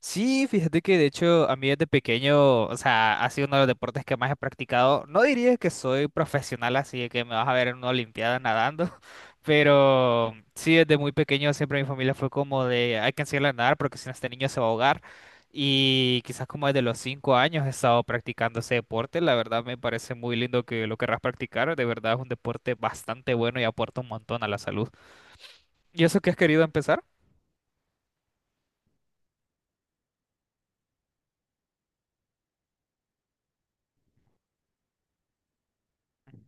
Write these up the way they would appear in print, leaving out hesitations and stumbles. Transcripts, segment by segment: Sí, fíjate que de hecho a mí desde pequeño, o sea, ha sido uno de los deportes que más he practicado. No diría que soy profesional, así de que me vas a ver en una olimpiada nadando, pero sí, desde muy pequeño siempre mi familia fue como de, hay que enseñarle a nadar porque si no este niño se va a ahogar. Y quizás como desde los cinco años he estado practicando ese deporte. La verdad me parece muy lindo que lo querrás practicar. De verdad es un deporte bastante bueno y aporta un montón a la salud. ¿Y eso que has querido empezar? Ujú,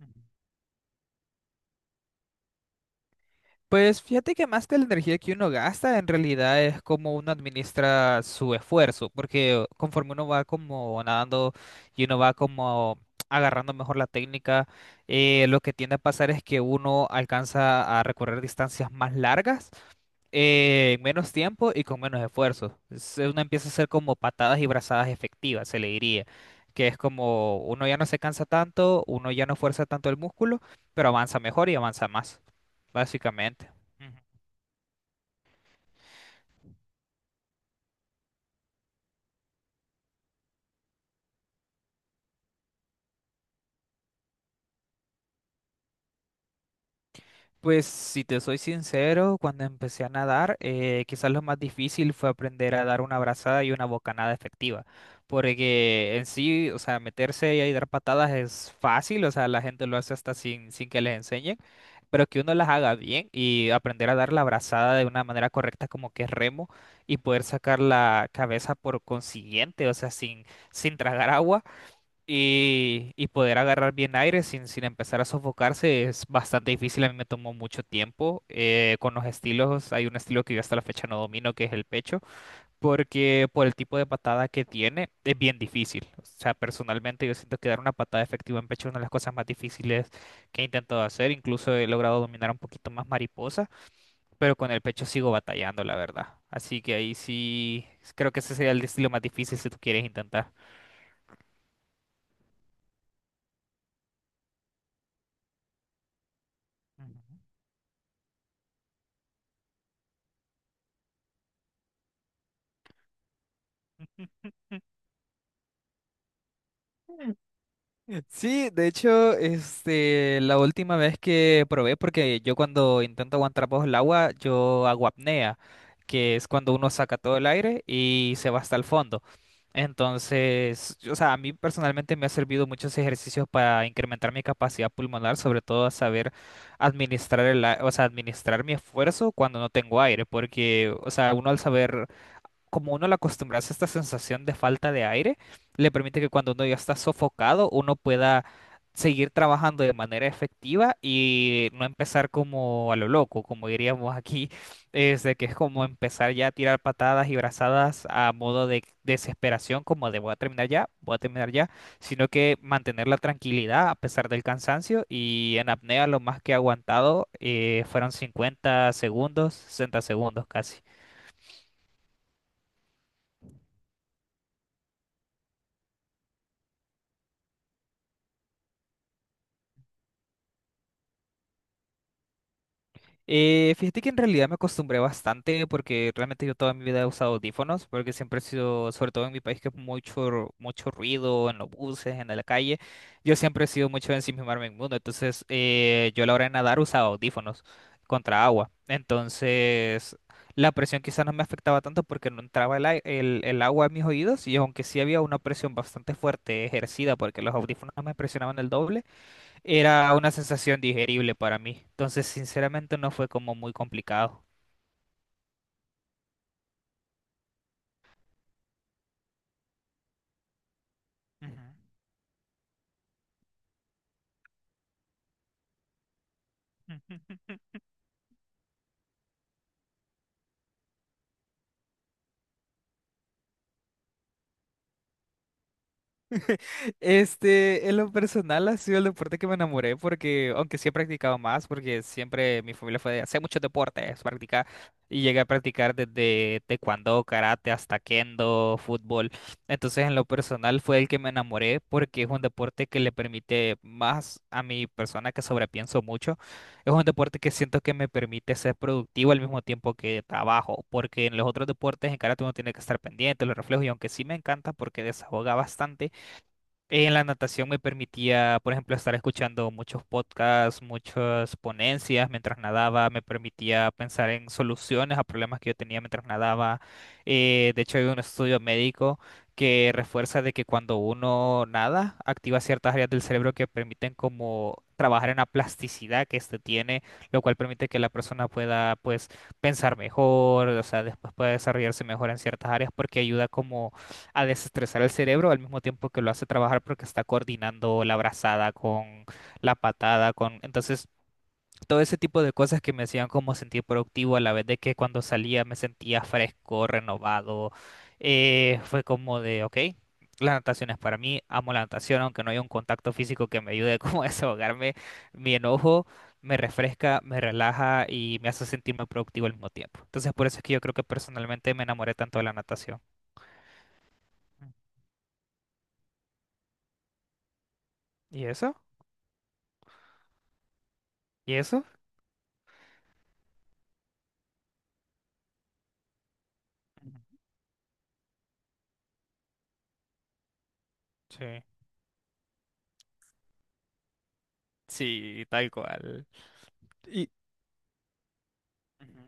ujú. Pues fíjate que más que la energía que uno gasta, en realidad es como uno administra su esfuerzo, porque conforme uno va como nadando y uno va como agarrando mejor la técnica, lo que tiende a pasar es que uno alcanza a recorrer distancias más largas, en menos tiempo y con menos esfuerzo. Uno empieza a hacer como patadas y brazadas efectivas, se le diría, que es como uno ya no se cansa tanto, uno ya no fuerza tanto el músculo, pero avanza mejor y avanza más. Básicamente. Ujú. Pues si te soy sincero, cuando empecé a nadar, quizás lo más difícil fue aprender a dar una brazada y una bocanada efectiva, porque en sí, o sea, meterse y dar patadas es fácil, o sea, la gente lo hace hasta sin que les enseñen, pero que uno las haga bien y aprender a dar la brazada de una manera correcta como que es remo y poder sacar la cabeza por consiguiente, o sea, sin tragar agua y poder agarrar bien aire sin empezar a sofocarse es bastante difícil. A mí me tomó mucho tiempo. Con los estilos, hay un estilo que yo hasta la fecha no domino, que es el pecho, porque por el tipo de patada que tiene es bien difícil. O sea, personalmente yo siento que dar una patada efectiva en pecho es una de las cosas más difíciles que he intentado hacer. Incluso he logrado dominar un poquito más mariposa, pero con el pecho sigo batallando, la verdad. Así que ahí sí, creo que ese sería el estilo más difícil si tú quieres intentar. Ujú. Sí, de hecho, la última vez que probé, porque yo cuando intento aguantar bajo el agua, yo hago apnea, que es cuando uno saca todo el aire y se va hasta el fondo. Entonces, o sea, a mí personalmente me ha servido muchos ejercicios para incrementar mi capacidad pulmonar, sobre todo a saber administrar o sea, administrar mi esfuerzo cuando no tengo aire, porque, o sea, uno al saber como uno le acostumbrarse a esta sensación de falta de aire, le permite que cuando uno ya está sofocado, uno pueda seguir trabajando de manera efectiva y no empezar como a lo loco, como diríamos aquí, es de que es como empezar ya a tirar patadas y brazadas a modo de desesperación, como de voy a terminar ya, voy a terminar ya, sino que mantener la tranquilidad a pesar del cansancio y en apnea lo más que he aguantado fueron 50 segundos, 60 segundos casi. Fíjate que en realidad me acostumbré bastante porque realmente yo toda mi vida he usado audífonos porque siempre he sido, sobre todo en mi país que es mucho, mucho ruido en los buses, en la calle, yo siempre he sido mucho de ensimismarme en el mundo, entonces yo a la hora de nadar usaba audífonos contra agua, entonces la presión quizás no me afectaba tanto porque no entraba el agua a mis oídos y aunque sí había una presión bastante fuerte ejercida porque los audífonos me presionaban el doble. Era una sensación digerible para mí. Entonces, sinceramente, no fue como muy complicado. Ujú. En lo personal ha sido el deporte que me enamoré porque, aunque sí he practicado más, porque siempre mi familia fue de hacer muchos deportes, practicar, y llegué a practicar desde taekwondo, karate, hasta kendo, fútbol. Entonces, en lo personal fue el que me enamoré porque es un deporte que le permite más a mi persona que sobrepienso mucho. Es un deporte que siento que me permite ser productivo al mismo tiempo que trabajo, porque en los otros deportes, en karate uno tiene que estar pendiente, los reflejos, y aunque sí me encanta porque desahoga bastante en la natación me permitía, por ejemplo, estar escuchando muchos podcasts, muchas ponencias mientras nadaba, me permitía pensar en soluciones a problemas que yo tenía mientras nadaba. De hecho, hay un estudio médico que refuerza de que cuando uno nada, activa ciertas áreas del cerebro que permiten como trabajar en la plasticidad que éste tiene, lo cual permite que la persona pueda, pues, pensar mejor, o sea, después pueda desarrollarse mejor en ciertas áreas porque ayuda como a desestresar el cerebro al mismo tiempo que lo hace trabajar porque está coordinando la brazada con la patada, con... Entonces, todo ese tipo de cosas que me hacían como sentir productivo a la vez de que cuando salía me sentía fresco, renovado, fue como de, ok, la natación es para mí, amo la natación, aunque no haya un contacto físico que me ayude como a desahogarme, mi enojo. Me refresca, me relaja y me hace sentirme productivo al mismo tiempo. Entonces, por eso es que yo creo que personalmente me enamoré tanto de la natación. ¿Y eso? ¿Y eso? Sí, sí, tal cual. Y... Ujú,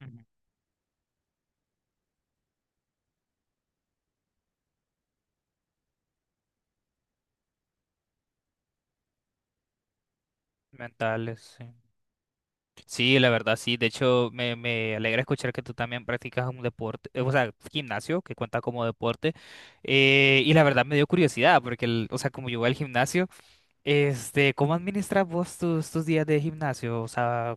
ujú. Mentales, sí. Sí, la verdad, sí. De hecho, me alegra escuchar que tú también practicas un deporte, o sea, gimnasio, que cuenta como deporte. Y la verdad me dio curiosidad, porque, o sea, como yo voy al gimnasio, ¿cómo administras vos tus días de gimnasio? O sea,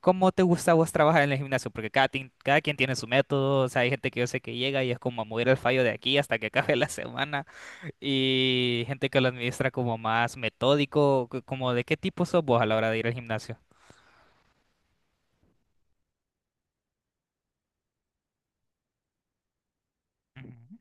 ¿cómo te gusta a vos trabajar en el gimnasio? Porque cada quien tiene su método, o sea, hay gente que yo sé que llega y es como a mover el fallo de aquí hasta que acabe la semana. Y gente que lo administra como más metódico, como de qué tipo sos vos a la hora de ir al gimnasio. Ujú.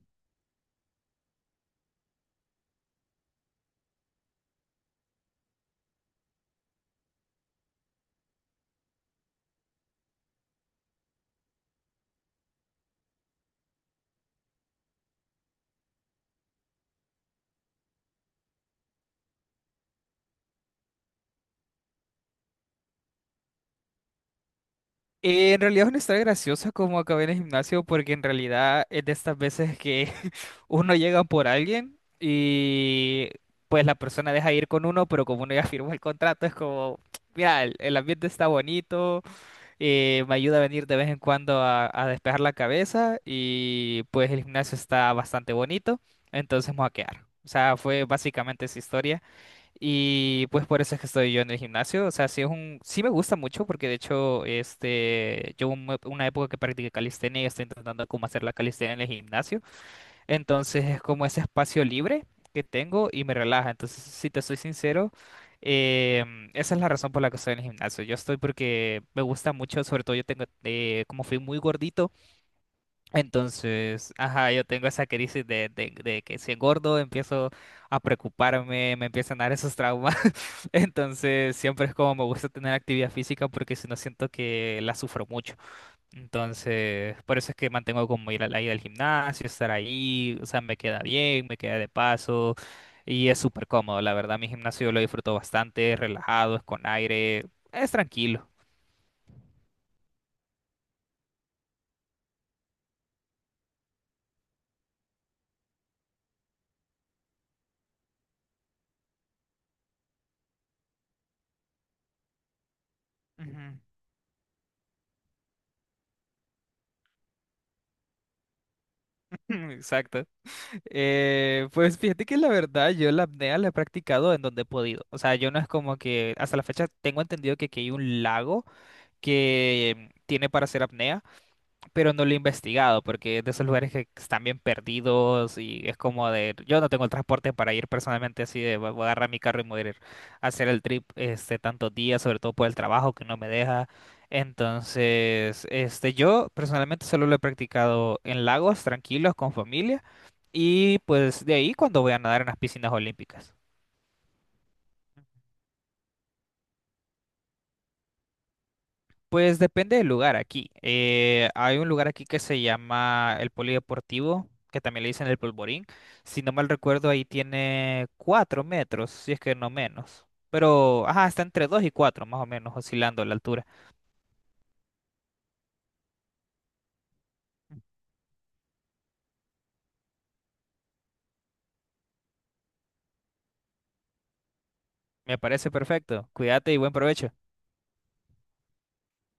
En realidad es una historia graciosa como acabé en el gimnasio porque en realidad es de estas veces que uno llega por alguien y pues la persona deja ir con uno, pero como uno ya firmó el contrato es como, mira, el ambiente está bonito. Me ayuda a venir de vez en cuando a despejar la cabeza y pues el gimnasio está bastante bonito, entonces me voy a quedar. O sea, fue básicamente esa historia y pues por eso es que estoy yo en el gimnasio. O sea, sí es un, sí me gusta mucho porque de hecho, yo una época que practiqué calistenia y estoy intentando cómo hacer la calistenia en el gimnasio. Entonces es como ese espacio libre que tengo y me relaja. Entonces, si te soy sincero, esa es la razón por la que estoy en el gimnasio. Yo estoy porque me gusta mucho, sobre todo yo tengo, como fui muy gordito, entonces, ajá, yo tengo esa crisis de que si engordo empiezo a preocuparme, me empiezan a dar esos traumas. Entonces, siempre es como me gusta tener actividad física porque si no siento que la sufro mucho. Entonces, por eso es que mantengo como ir a la ida al gimnasio, estar ahí, o sea, me queda bien, me queda de paso y es súper cómodo. La verdad, mi gimnasio lo disfruto bastante, es relajado, es con aire, es tranquilo. Ujú. Exacto. Pues fíjate que la verdad yo la apnea la he practicado en donde he podido. O sea, yo no es como que hasta la fecha tengo entendido que aquí hay un lago que tiene para hacer apnea. Pero no lo he investigado porque es de esos lugares que están bien perdidos y es como de, yo no tengo el transporte para ir personalmente así de, voy a agarrar mi carro y me voy a ir a hacer el trip este tantos días, sobre todo por el trabajo que no me deja. Entonces, yo personalmente solo lo he practicado en lagos tranquilos con familia y pues de ahí cuando voy a nadar en las piscinas olímpicas. Pues depende del lugar aquí. Hay un lugar aquí que se llama el Polideportivo, que también le dicen el Polvorín. Si no mal recuerdo, ahí tiene cuatro metros, si es que no menos. Pero, ajá, está entre dos y cuatro, más o menos, oscilando la altura. Me parece perfecto. Cuídate y buen provecho.